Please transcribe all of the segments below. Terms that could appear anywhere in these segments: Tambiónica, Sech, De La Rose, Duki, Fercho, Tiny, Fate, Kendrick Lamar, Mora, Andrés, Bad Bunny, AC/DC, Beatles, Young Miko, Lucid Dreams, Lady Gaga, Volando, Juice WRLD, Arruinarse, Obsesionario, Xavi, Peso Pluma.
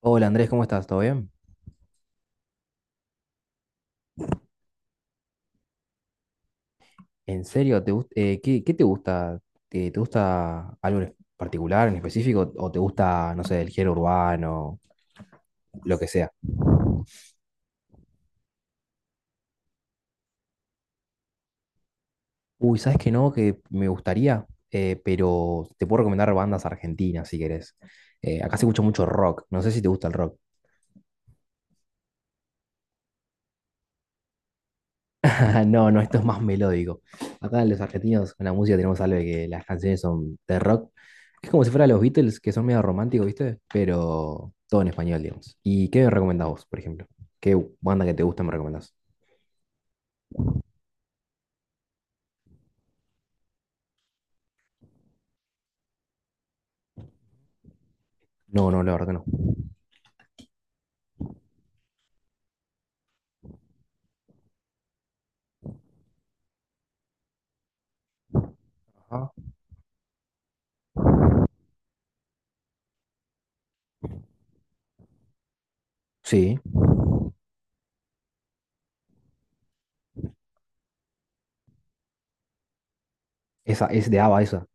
Hola Andrés, ¿cómo estás? ¿Todo bien? ¿En serio? ¿Qué, qué te gusta? ¿Te, te gusta algo en particular, en específico? ¿O te gusta, no sé, el género urbano, lo que sea? Uy, ¿sabes qué no? Que me gustaría. Pero te puedo recomendar bandas argentinas si querés. Acá se escucha mucho rock, no sé si te gusta el rock. No, no, esto es más melódico. Acá los argentinos con la música tenemos algo de que las canciones son de rock. Es como si fuera los Beatles, que son medio románticos, ¿viste? Pero todo en español, digamos. ¿Y qué me recomendás vos, por ejemplo? ¿Qué banda que te gusta me recomendás? No, no, la verdad que no. Ah. Sí, esa es de ABBA esa.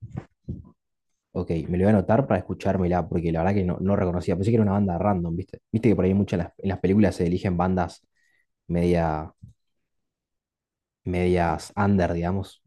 Ok, me lo voy a anotar para escuchármela, porque la verdad que no, no reconocía. Pensé que era una banda random, ¿viste? Viste que por ahí muchas en las películas se eligen bandas media, medias under, digamos.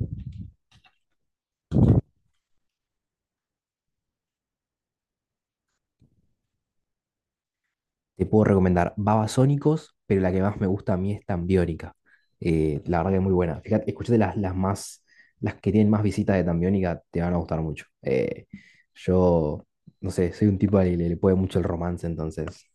Te puedo recomendar Babasónicos, pero la que más me gusta a mí es Tambiónica. La verdad que es muy buena. Fíjate, escuchate las, las que tienen más visitas de Tambiónica, te van a gustar mucho. Yo, no sé, soy un tipo al que le puede mucho el romance, entonces.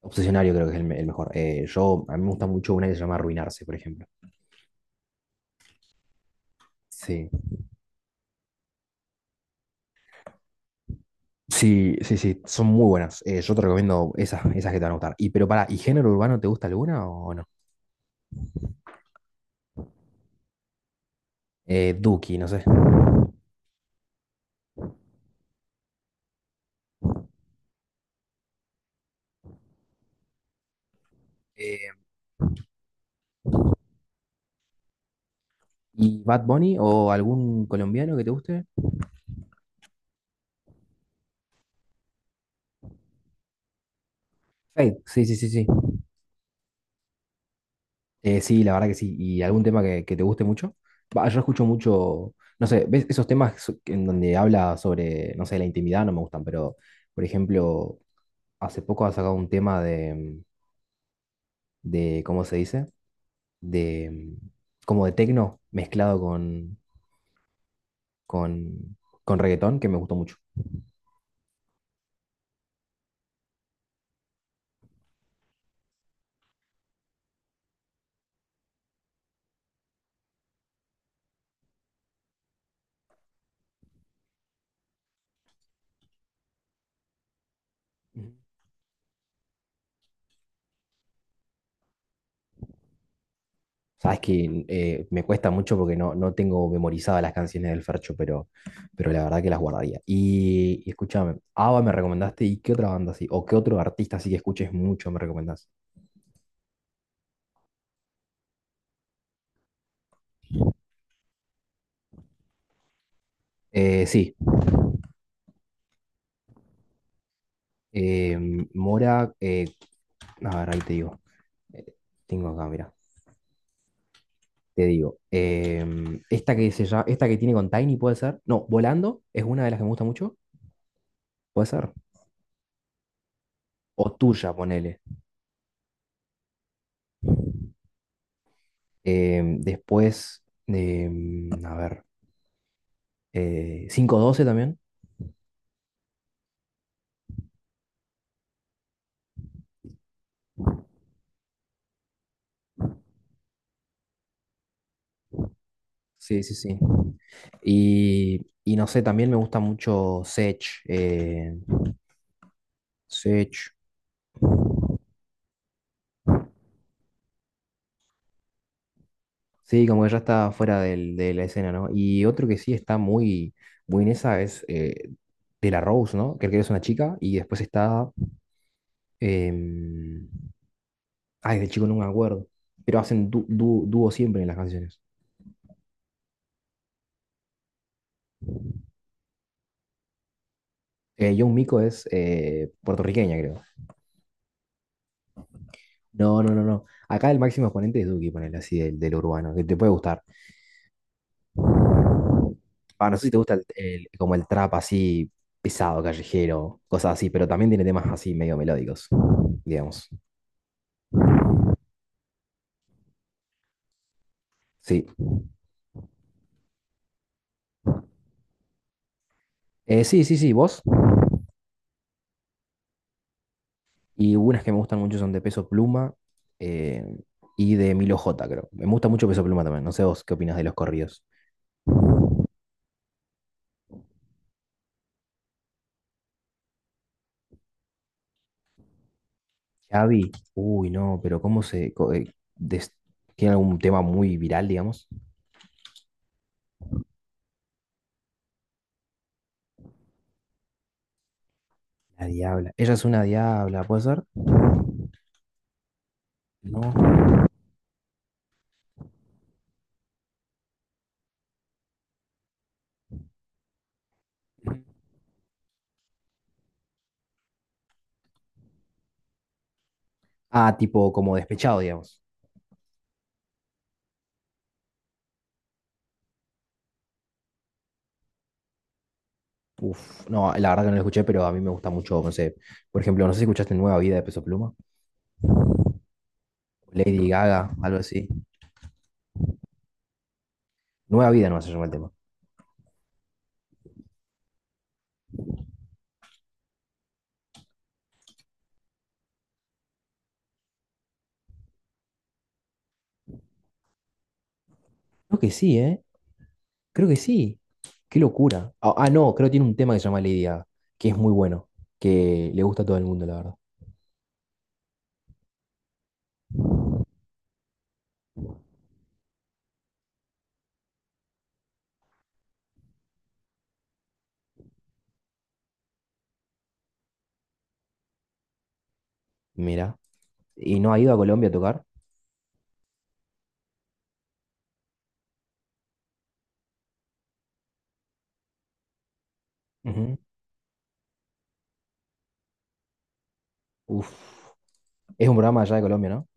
Obsesionario creo que es el, el mejor. Yo, a mí me gusta mucho una que se llama Arruinarse, por ejemplo. Sí, sí, sí, sí, son muy buenas. Yo te recomiendo esas, esas que te van a gustar. Y pero para, ¿y género urbano te gusta alguna o no? Duki, no sé. Eh, ¿Y Bad Bunny o algún colombiano que te guste? Fate, sí, sí, sí, sí. Sí, la verdad que sí. ¿Y algún tema que te guste mucho? Va, yo escucho mucho, no sé, ¿ves esos en donde habla sobre, no sé, la intimidad? No me gustan, pero, por ejemplo, hace poco ha sacado un tema de ¿cómo se dice? De, como de tecno mezclado con, con reggaetón, que me gustó mucho. Ujú. Sabes que me cuesta mucho porque no, no tengo memorizadas las canciones del Fercho, pero la verdad que las guardaría. Y escúchame, ABBA me recomendaste y qué otra banda así, o qué otro artista así que escuches mucho me recomendás. Eh, sí, eh, Mora, a ver, ahí te digo. Eh, Tengo acá, mira, te digo. Esta que tiene con Tiny puede ser. No, Volando es una de las que me gusta mucho, puede ser. O tuya, ponele. Después, a ver. Cinco doce también. Sí, sí, sí. Y no sé, también me gusta mucho Sech. eh, Sech. Sí, como que ya está de la escena, ¿no? Y otro que sí está muy, muy en esa es De La Rose, ¿no? Que creo que es una chica. Y después está em, de chico no me acuerdo. Pero hacen dúo siempre en las canciones. Young Miko es puertorriqueña, creo. No, no, no, no. Acá el máximo exponente es Duki, ponele así, del, del urbano, que te puede gustar. Ah, no sé si te gusta como el trap así pesado, callejero, cosas así, pero también tiene temas así medio melódicos, digamos. Sí. Sí, sí, sí, vos. Y unas que me gustan mucho son de Peso Pluma eh, y de Milo J, creo. Me gusta mucho Peso Pluma también. No sé vos qué opinás de los corridos. Xavi, uy, no, pero ¿cómo se...? ¿Tiene algún tema muy viral, digamos? La diabla. Ella es una diabla, ¿puede ser? No. Ah, tipo como despechado, digamos. Uf, no, la verdad que no lo escuché, pero a mí me gusta mucho, no sé, por ejemplo, no sé si escuchaste Nueva Vida de Peso Pluma, Lady Gaga, algo así. Nueva Vida no se llama el tema. Creo que sí, ¿eh? Creo que sí. Qué locura. No, creo que tiene un tema que se llama Lady Gaga, que es muy bueno, que le gusta a todo el mundo, la verdad. Mira. ¿Y no ha ido a Colombia a tocar? Ujú. Uf, es un programa allá de Colombia, ¿no?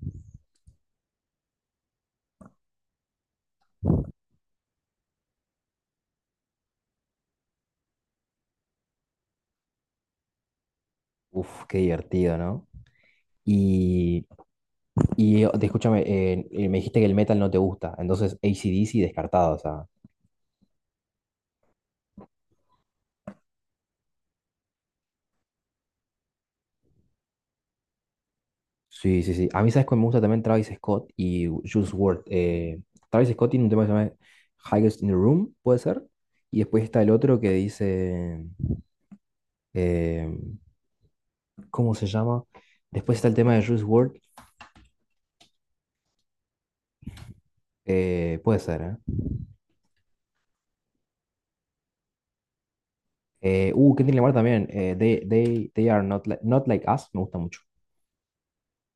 Uf, qué divertido, ¿no? Y, me dijiste que el metal no te gusta, entonces AC/DC descartado, o sea, Sí, sí, sí. A mí, ¿sabes cuál me gusta también? Travis Scott y Juice WRLD. Travis Scott tiene un tema que se llama Highest in the Room, puede ser. Y después está el otro que dice. eh, ¿Cómo se llama? Después está el tema de Juice WRLD. Puede ser, ¿eh? Kendrick Lamar también. They, they are not, not like us, me gusta mucho.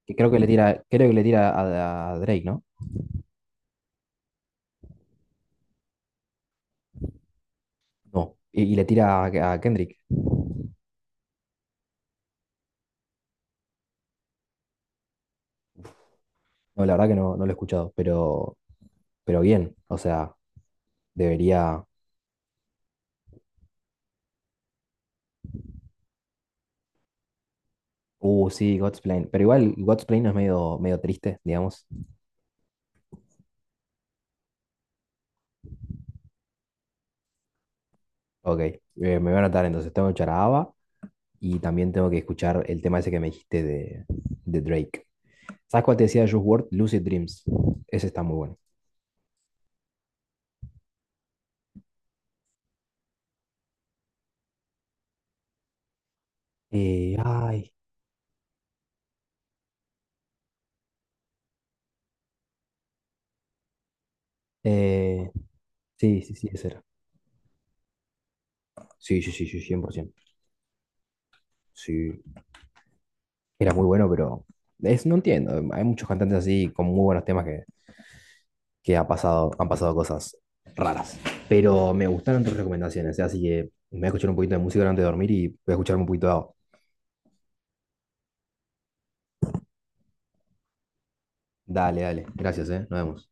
Que creo que le tira, creo que le tira a Drake, ¿no? No. Y le tira a Kendrick. No, la verdad que no, no lo he escuchado, pero bien, o sea, debería... sí, God's Plan, pero igual God's Plan no es medio, medio triste, digamos. Ok, me voy a anotar entonces, tengo que escuchar a ABBA y también tengo que escuchar el tema ese que me dijiste de Drake. ¿Sabes cuál te decía de Juice WRLD? Lucid Dreams. Ese está muy bueno. Eh, ay, eh, sí, sí, sí, ese era. Sí, sí, sí, sí, cien por ciento. Sí, era muy bueno, pero es, no entiendo. Hay muchos cantantes así con muy buenos temas que ha pasado, han pasado cosas raras. Pero me gustaron tus recomendaciones, ¿eh? Así que me voy a escuchar un poquito de música antes de dormir y voy a escuchar un poquito de agua. Dale, dale. Gracias, ¿eh? Nos vemos.